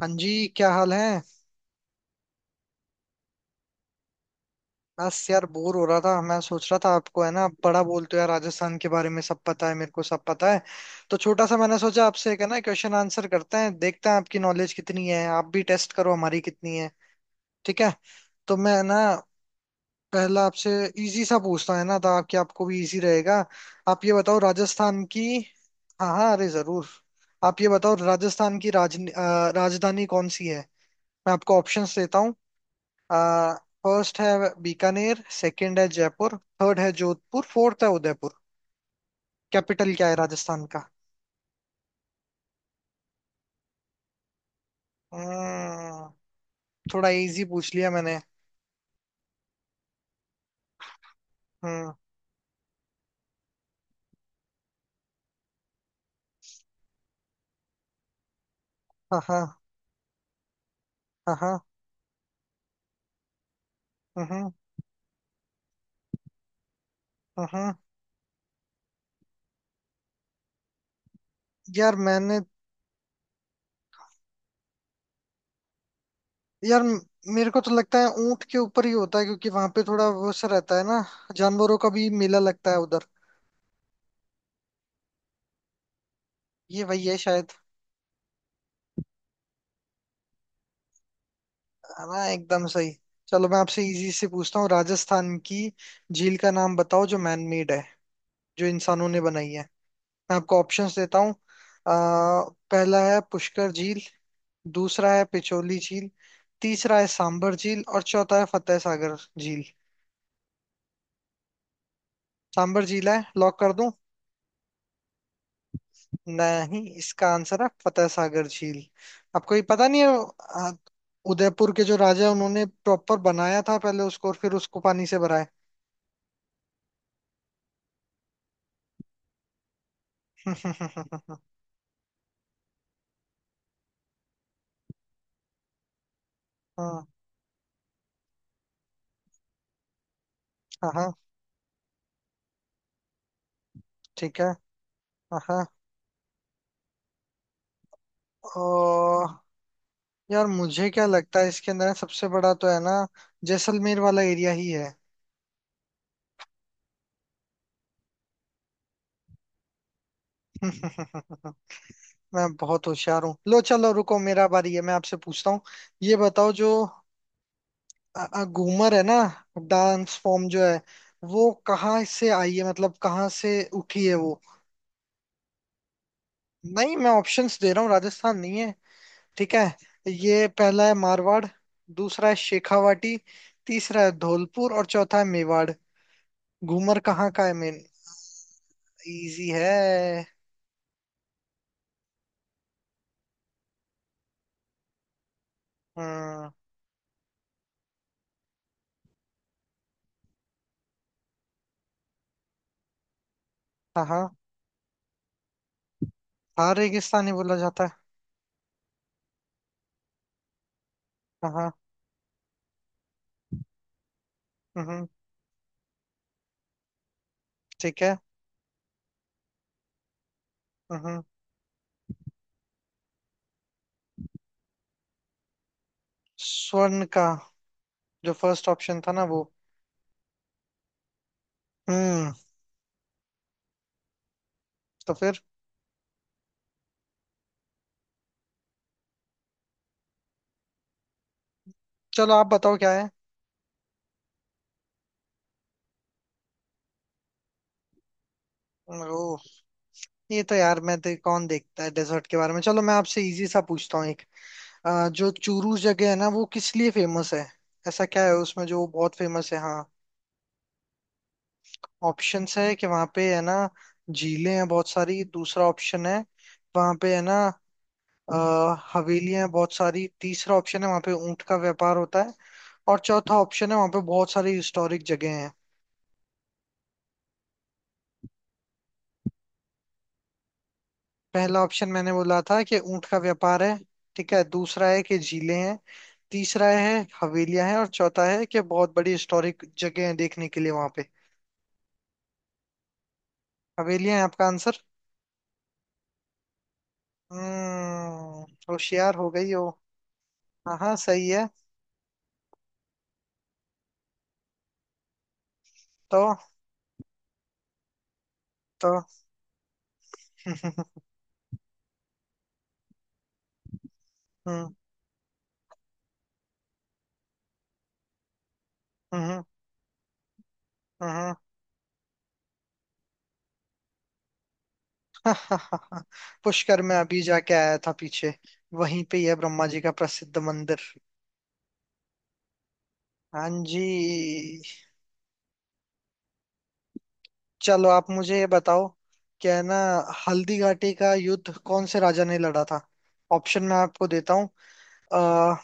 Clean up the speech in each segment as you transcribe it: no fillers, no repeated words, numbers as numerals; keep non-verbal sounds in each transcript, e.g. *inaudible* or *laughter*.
हाँ जी, क्या हाल है। बस यार, बोर हो रहा था। मैं सोच रहा था आपको, है ना, आप बड़ा बोलते हो यार, राजस्थान के बारे में सब पता है, मेरे को सब पता है। तो छोटा सा मैंने सोचा आपसे एक, है ना, क्वेश्चन आंसर करते हैं, देखते हैं आपकी नॉलेज कितनी है, आप भी टेस्ट करो हमारी कितनी है। ठीक है। तो मैं, है ना, पहला आपसे इजी सा पूछता हूं, है ना, ताकि आपको भी इजी रहेगा। आप ये बताओ राजस्थान की। हाँ हाँ, अरे जरूर। आप ये बताओ राजस्थान की राजधानी कौन सी है। मैं आपको ऑप्शंस देता। आ, फर्स्ट है बीकानेर, सेकंड है जयपुर, थर्ड है जोधपुर, फोर्थ है उदयपुर। कैपिटल क्या है राजस्थान का। हम्म। थोड़ा इजी पूछ लिया मैंने। हम्म। हाँ हाँ। हाँ हाँ। हम्म, हम्म। यार मैंने। यार, मेरे को तो लगता है ऊंट के ऊपर ही होता है, क्योंकि वहां पे थोड़ा वो सा रहता है ना, जानवरों का भी मेला लगता है उधर। ये वही है शायद। है ना, एकदम सही। चलो, मैं आपसे इजी से पूछता हूँ, राजस्थान की झील का नाम बताओ जो मैन मेड है, जो इंसानों ने बनाई है। मैं आपको ऑप्शंस देता हूँ। पहला है पुष्कर झील, दूसरा है पिछोली झील, तीसरा है सांबर झील और चौथा है फतेह सागर झील। सांबर झील है, लॉक कर दूं। नहीं, इसका आंसर है फतेह सागर झील। आपको ये पता नहीं है। अ, उदयपुर के जो राजा हैं, उन्होंने प्रॉपर बनाया था पहले उसको और फिर उसको पानी से भरा है। *laughs* हाँ। हाँ हाँ, ठीक है। हाँ हाँ, और यार, मुझे क्या लगता है इसके अंदर सबसे बड़ा तो है ना, जैसलमेर वाला एरिया ही है। *laughs* मैं बहुत होशियार हूँ। लो, चलो, रुको, मेरा बारी है, मैं आपसे पूछता हूँ। ये बताओ जो घूमर है ना, डांस फॉर्म जो है, वो कहाँ से आई है, मतलब कहाँ से उठी है वो। नहीं, मैं ऑप्शंस दे रहा हूँ, राजस्थान नहीं है। ठीक है। ये, पहला है मारवाड़, दूसरा है शेखावाटी, तीसरा है धौलपुर और चौथा है मेवाड़। घूमर कहाँ का है मेन। इजी है। हम्म। हाँ हाँ। हाँ, रेगिस्तान ही बोला जाता है। हाँ हाँ। हम्म, ठीक है। हम्म। स्वर्ण का। जो फर्स्ट ऑप्शन था ना वो। हम्म। तो फिर। चलो, आप बताओ क्या है। ओ। ये तो यार, मैं तो कौन देखता है डेजर्ट के बारे में। चलो, मैं आपसे इजी सा पूछता हूँ एक। जो चूरू जगह है ना, वो किस लिए फेमस है। ऐसा क्या है उसमें जो बहुत फेमस है, हाँ। ऑप्शंस है कि वहाँ पे है ना, झीलें हैं बहुत सारी। दूसरा ऑप्शन है, वहाँ पे है ना, अ, हवेलियां हैं बहुत सारी। तीसरा ऑप्शन है, वहाँ पे ऊंट का व्यापार होता है। और चौथा ऑप्शन है, वहाँ पे बहुत सारी हिस्टोरिक जगह। पहला ऑप्शन मैंने बोला था कि ऊंट का व्यापार है। ठीक है, दूसरा है कि झीलें हैं, तीसरा है हवेलियां हैं और चौथा है कि बहुत बड़ी हिस्टोरिक जगह है देखने के लिए वहां पे। हवेलियां हैं आपका आंसर। हम्म। होशियार हो गई हो। हाँ हाँ, सही है। तो तो *laughs* हम्म हम्म हम्म। *laughs* पुष्कर में अभी जाके आया था पीछे, वहीं पे ही है ब्रह्मा जी का प्रसिद्ध मंदिर। हाँ जी। चलो आप मुझे ये बताओ, क्या है ना, हल्दी घाटी का युद्ध कौन से राजा ने लड़ा था। ऑप्शन मैं आपको देता हूँ। अ,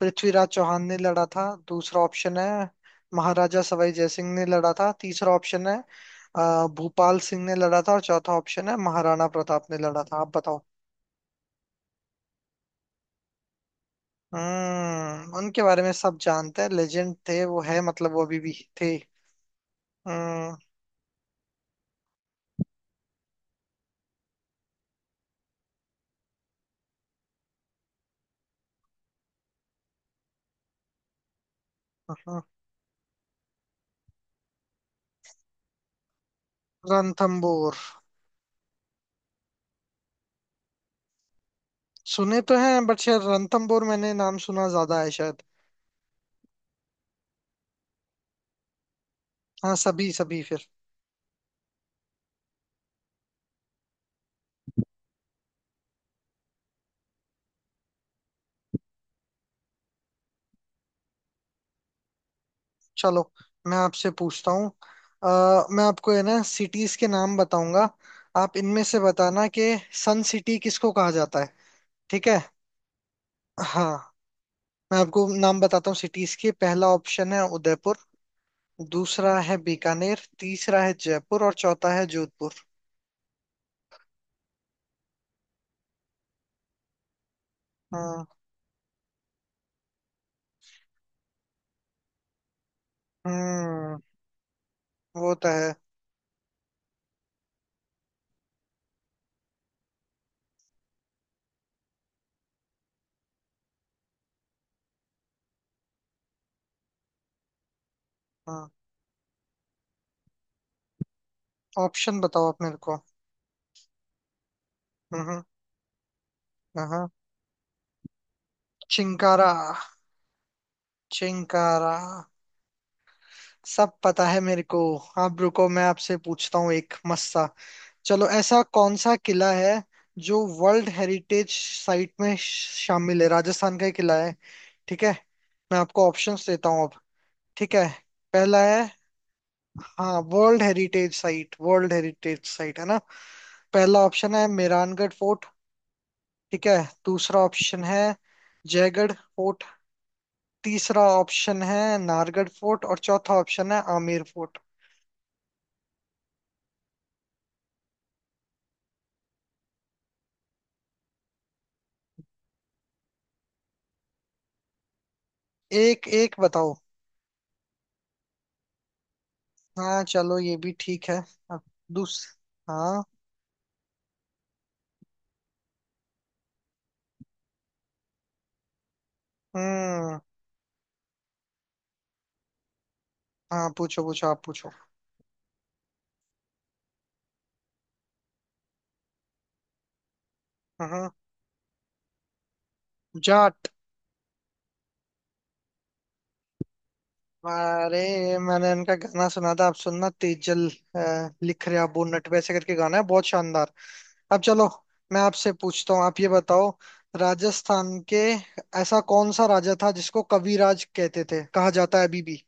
पृथ्वीराज चौहान ने लड़ा था, दूसरा ऑप्शन है महाराजा सवाई जय सिंह ने लड़ा था, तीसरा ऑप्शन है भूपाल सिंह ने लड़ा था और चौथा ऑप्शन है महाराणा प्रताप ने लड़ा था। आप बताओ। हम्म, उनके बारे में सब जानते हैं, लेजेंड थे वो। है, मतलब वो अभी भी थे। हम्म। हम्म। रणथंबोर। सुने तो हैं बट शायद रणथंबोर मैंने नाम सुना ज्यादा है शायद। हाँ, सभी सभी फिर। चलो, मैं आपसे पूछता हूँ। मैं आपको, है ना, सिटीज के नाम बताऊंगा। आप इनमें से बताना कि सन सिटी किसको कहा जाता है। ठीक है। हाँ। मैं आपको नाम बताता हूँ सिटीज के। पहला ऑप्शन है उदयपुर, दूसरा है बीकानेर, तीसरा है जयपुर और चौथा है जोधपुर। हाँ। हम्म। वो तो है। हाँ, ऑप्शन बताओ आप मेरे को। हम्म। हाँ हाँ। चिंकारा। चिंकारा। सब पता है मेरे को। आप रुको, मैं आपसे पूछता हूँ एक मस्त सा। चलो, ऐसा कौन सा किला है जो वर्ल्ड हेरिटेज साइट में शामिल है, राजस्थान का ही किला है। ठीक है। मैं आपको ऑप्शंस देता हूँ अब। ठीक है। पहला है। हाँ, world heritage site, world heritage site है ना। पहला ऑप्शन है मेहरानगढ़ फोर्ट। ठीक है। दूसरा ऑप्शन है जयगढ़ फोर्ट। तीसरा ऑप्शन है नाहरगढ़ फोर्ट और चौथा ऑप्शन है आमेर फोर्ट। एक एक बताओ। हाँ चलो, ये भी ठीक है। अब। दूस हाँ। हम्म। हाँ, पूछो पूछो, आप पूछो। हाँ। जाट। अरे, मैंने इनका गाना सुना था, आप सुनना तेजल। लिख रहे अबू नट वैसे करके गाना है, बहुत शानदार। अब चलो, मैं आपसे पूछता हूँ, आप ये बताओ राजस्थान के, ऐसा कौन सा राजा था जिसको कविराज कहते थे, कहा जाता है अभी भी।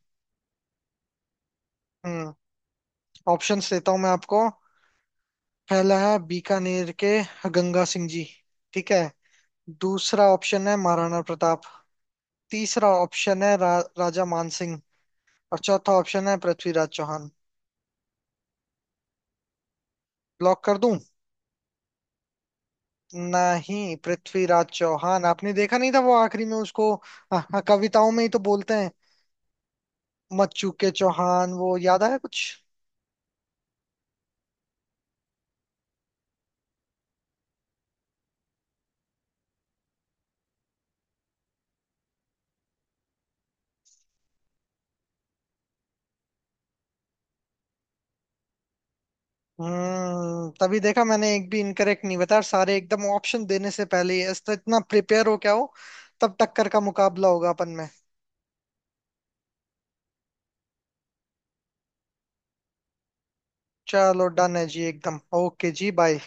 हम्म। ऑप्शंस देता हूँ मैं आपको। पहला है बीकानेर के गंगा सिंह जी। ठीक है। दूसरा ऑप्शन है महाराणा प्रताप। तीसरा ऑप्शन है राजा मानसिंह और चौथा ऑप्शन है पृथ्वीराज चौहान। ब्लॉक कर दूं। नहीं, पृथ्वीराज चौहान आपने देखा नहीं था वो आखिरी में उसको, हाँ, हाँ, कविताओं में ही तो बोलते हैं। मत चूके चौहान, वो याद आया कुछ। हम्म, तभी देखा मैंने, एक भी इनकरेक्ट नहीं बताया और सारे एकदम ऑप्शन देने से पहले ही, इस तरह इतना प्रिपेयर हो क्या हो। तब टक्कर का मुकाबला होगा अपन में। चलो, डन है जी, एकदम ओके, जी बाय।